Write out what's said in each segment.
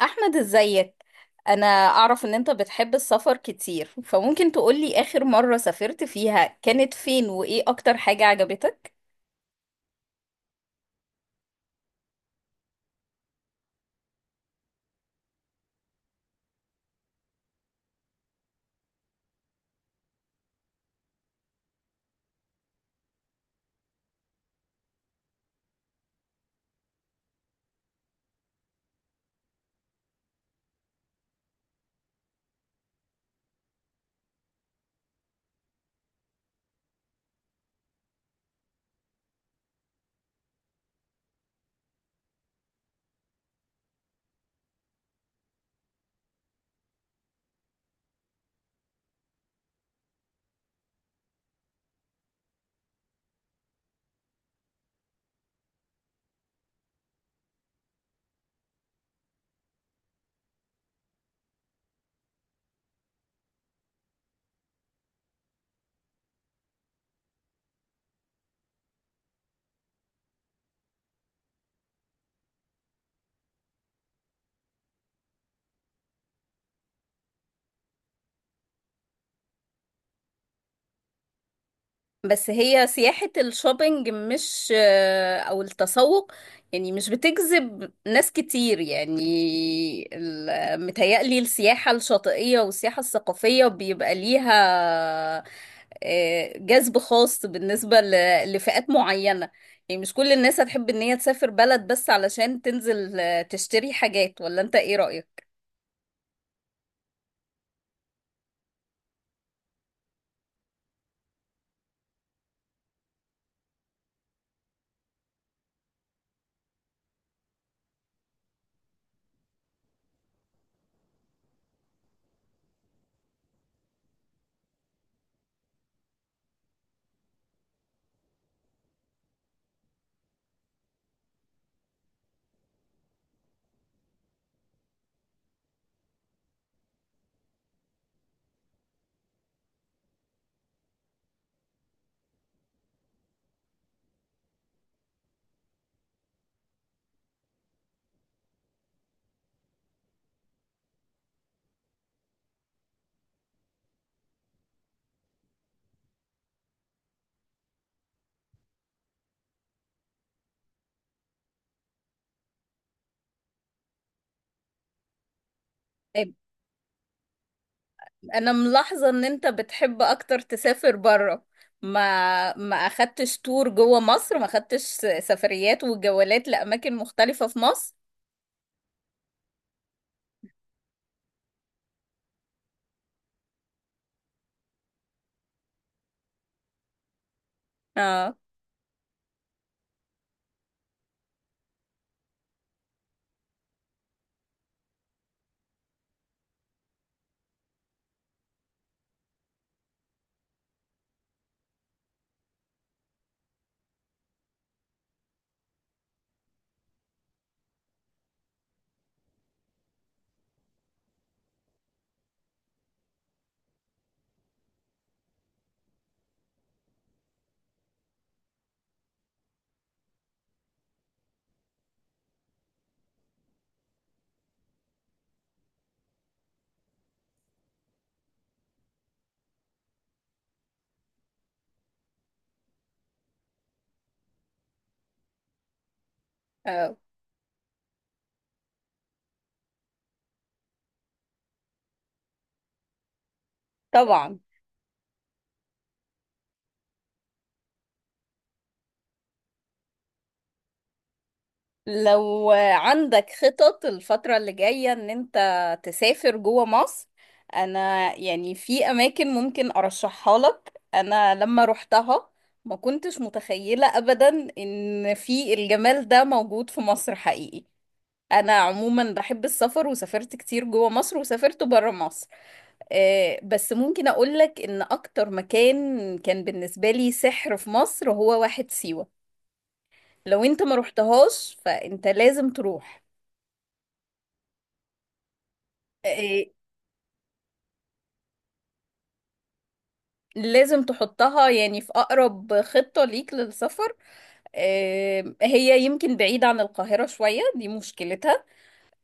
احمد، ازيك؟ انا اعرف ان انت بتحب السفر كتير، فممكن تقولي اخر مرة سافرت فيها كانت فين، وايه اكتر حاجة عجبتك؟ بس هي سياحة الشوبينج، مش أو التسوق، يعني مش بتجذب ناس كتير. يعني متهيألي السياحة الشاطئية والسياحة الثقافية بيبقى ليها جذب خاص بالنسبة لفئات معينة. يعني مش كل الناس هتحب إن هي تسافر بلد بس علشان تنزل تشتري حاجات، ولا أنت إيه رأيك؟ انا ملاحظة ان انت بتحب اكتر تسافر برا، ما اخدتش تور جوه مصر، ما اخدتش سفريات وجولات لاماكن مختلفة في مصر. اه، اه، طبعا. لو عندك خطط الفترة اللي جاية ان انت تسافر جوه مصر، انا يعني في اماكن ممكن ارشحها لك. انا لما روحتها ما كنتش متخيلة ابدا ان في الجمال ده موجود في مصر حقيقي. انا عموما بحب السفر وسافرت كتير جوه مصر وسافرت بره مصر. بس ممكن اقول لك ان اكتر مكان كان بالنسبه لي سحر في مصر هو واحد سيوه. لو انت ما رحتهاش فانت لازم تروح. آه، لازم تحطها يعني في اقرب خطه ليك للسفر. هي يمكن بعيده عن القاهره شويه، دي مشكلتها.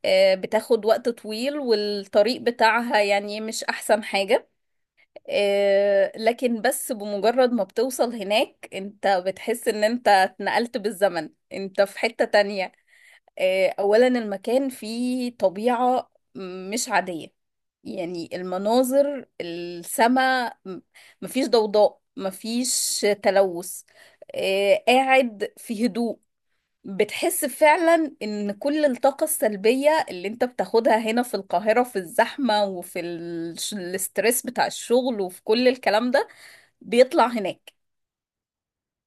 بتاخد وقت طويل، والطريق بتاعها يعني مش احسن حاجه. لكن بس بمجرد ما بتوصل هناك، انت بتحس ان انت اتنقلت بالزمن، انت في حتة تانية. اولا المكان فيه طبيعة مش عادية، يعني المناظر، السماء، مفيش ضوضاء، مفيش تلوث. قاعد في هدوء. بتحس فعلا ان كل الطاقة السلبية اللي انت بتاخدها هنا في القاهرة، في الزحمة وفي الاسترس بتاع الشغل وفي كل الكلام ده، بيطلع هناك.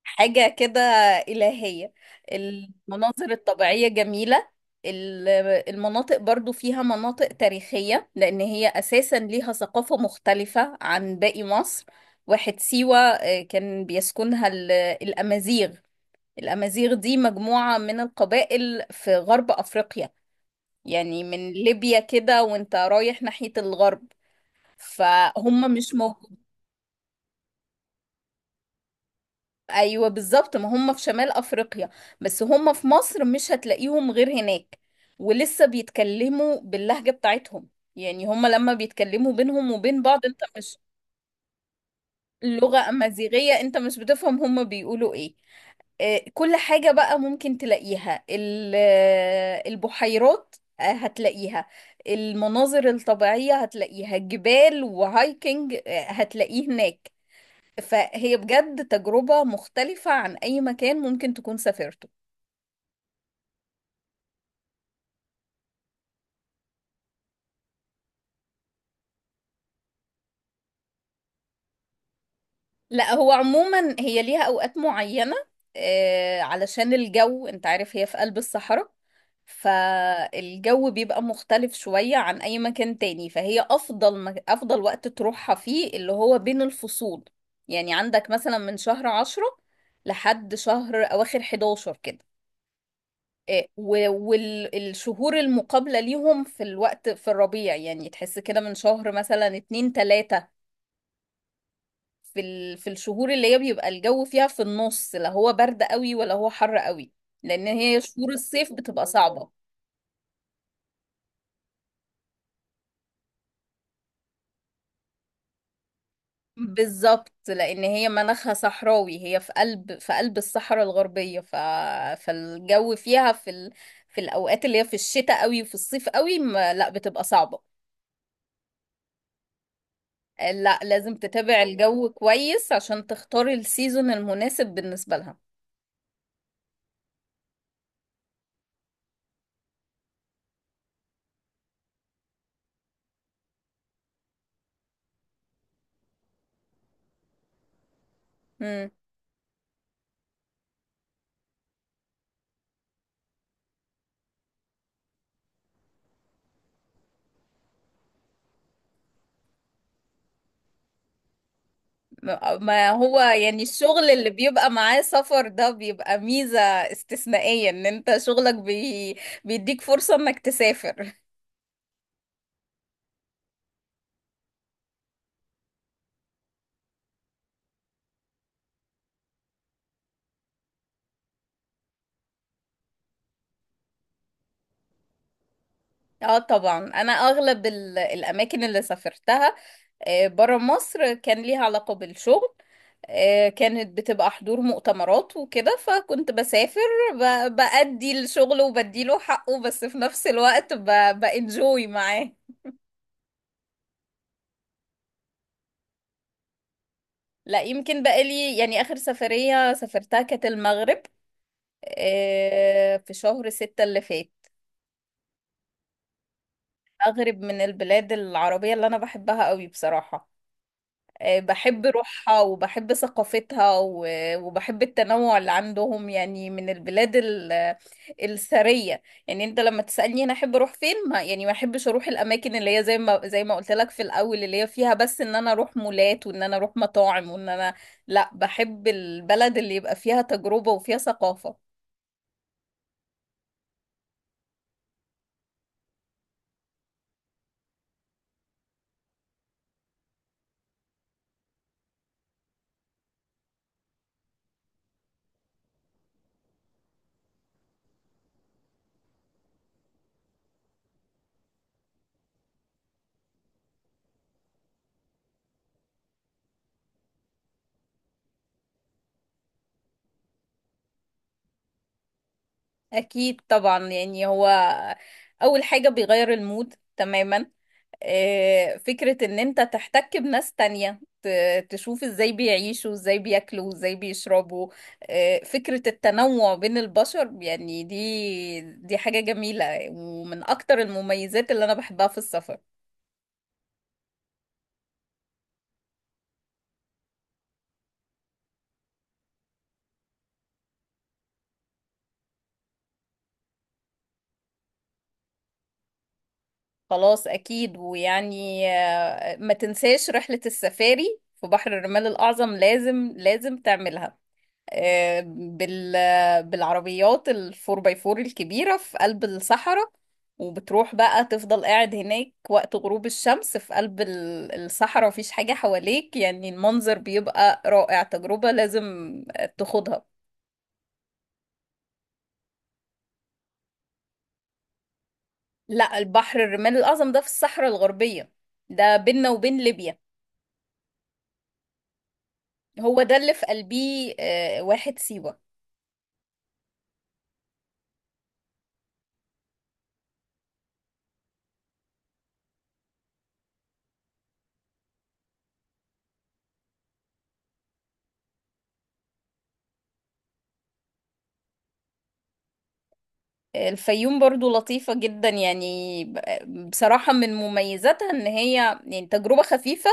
حاجة كده إلهية. المناظر الطبيعية جميلة. ال- المناطق برضو فيها مناطق تاريخية، لأن هي أساسا ليها ثقافة مختلفة عن باقي مصر. واحد سيوة كان بيسكنها الأمازيغ. الأمازيغ دي مجموعة من القبائل في غرب أفريقيا، يعني من ليبيا كده وانت رايح ناحية الغرب، فهم مش موجود. أيوة بالظبط، ما هم في شمال أفريقيا. بس هم في مصر مش هتلاقيهم غير هناك، ولسه بيتكلموا باللهجة بتاعتهم. يعني هم لما بيتكلموا بينهم وبين بعض انت مش… اللغة أمازيغية، انت مش بتفهم هم بيقولوا ايه. كل حاجة بقى ممكن تلاقيها، البحيرات هتلاقيها. المناظر الطبيعية هتلاقيها، جبال وهايكنج هتلاقيه هناك. فهي بجد تجربة مختلفة عن أي مكان ممكن تكون سافرته. لا، هو عموما هي ليها اوقات معينة. علشان الجو، انت عارف هي في قلب الصحراء، فالجو بيبقى مختلف شوية عن اي مكان تاني. فهي افضل افضل وقت تروحها فيه اللي هو بين الفصول. يعني عندك مثلا من شهر 10 لحد شهر اواخر 11 كده، والشهور المقابلة ليهم في الوقت في الربيع. يعني تحس كده من شهر مثلا 2 3، في في الشهور اللي هي بيبقى الجو فيها في النص، لا هو برد قوي ولا هو حر قوي. لان هي شهور الصيف بتبقى صعبة. بالظبط، لان هي مناخها صحراوي، هي في قلب، في قلب الصحراء الغربية. فالجو فيها في في الاوقات اللي هي في الشتاء قوي وفي الصيف قوي ما... لا بتبقى صعبة. لا لازم تتابع الجو كويس عشان تختار السيزون المناسب بالنسبة لها. مم. ما هو يعني الشغل اللي بيبقى معاه سفر ده بيبقى ميزة استثنائية، ان انت شغلك بيديك فرصة انك تسافر اه طبعا، انا اغلب الاماكن اللي سافرتها برا مصر كان ليها علاقة بالشغل. كانت بتبقى حضور مؤتمرات وكده، فكنت بسافر بأدي الشغل وبديله حقه، بس في نفس الوقت بانجوي معاه. لا يمكن بقالي، يعني آخر سفرية سافرتها كانت المغرب. في شهر 6 اللي فات. مغرب من البلاد العربية اللي أنا بحبها قوي بصراحة. بحب روحها وبحب ثقافتها وبحب التنوع اللي عندهم، يعني من البلاد الثرية. يعني انت لما تسألني انا احب اروح فين، ما يعني ما احبش اروح الاماكن اللي هي زي ما قلت لك في الاول، اللي هي فيها بس ان انا اروح مولات وان انا اروح مطاعم وان انا… لا، بحب البلد اللي يبقى فيها تجربة وفيها ثقافة. أكيد طبعا، يعني هو أول حاجة بيغير المود تماما. فكرة إن أنت تحتك بناس تانية، تشوف إزاي بيعيشوا، إزاي بياكلوا، إزاي بيشربوا. فكرة التنوع بين البشر يعني، دي حاجة جميلة، ومن أكتر المميزات اللي أنا بحبها في السفر. خلاص، أكيد. ويعني ما تنساش رحلة السفاري في بحر الرمال الأعظم، لازم لازم تعملها. آه، بال بالعربيات الفور باي فور الكبيرة في قلب الصحراء. وبتروح بقى تفضل قاعد هناك وقت غروب الشمس في قلب الصحراء، مفيش حاجة حواليك. يعني المنظر بيبقى رائع، تجربة لازم تاخدها. لا البحر الرمال الأعظم ده في الصحراء الغربية، ده بيننا وبين ليبيا. هو ده اللي في قلبيه واحد سيوة. الفيوم برضو لطيفة جدا. يعني بصراحة من مميزاتها ان هي يعني تجربة خفيفة.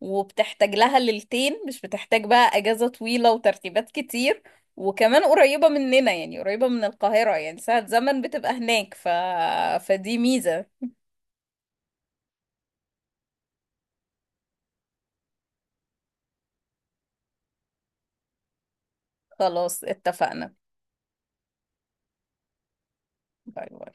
وبتحتاج لها ليلتين، مش بتحتاج بقى اجازة طويلة وترتيبات كتير. وكمان قريبة مننا، يعني قريبة من القاهرة، يعني ساعة زمن بتبقى هناك. فدي ميزة. خلاص، اتفقنا. باي باي.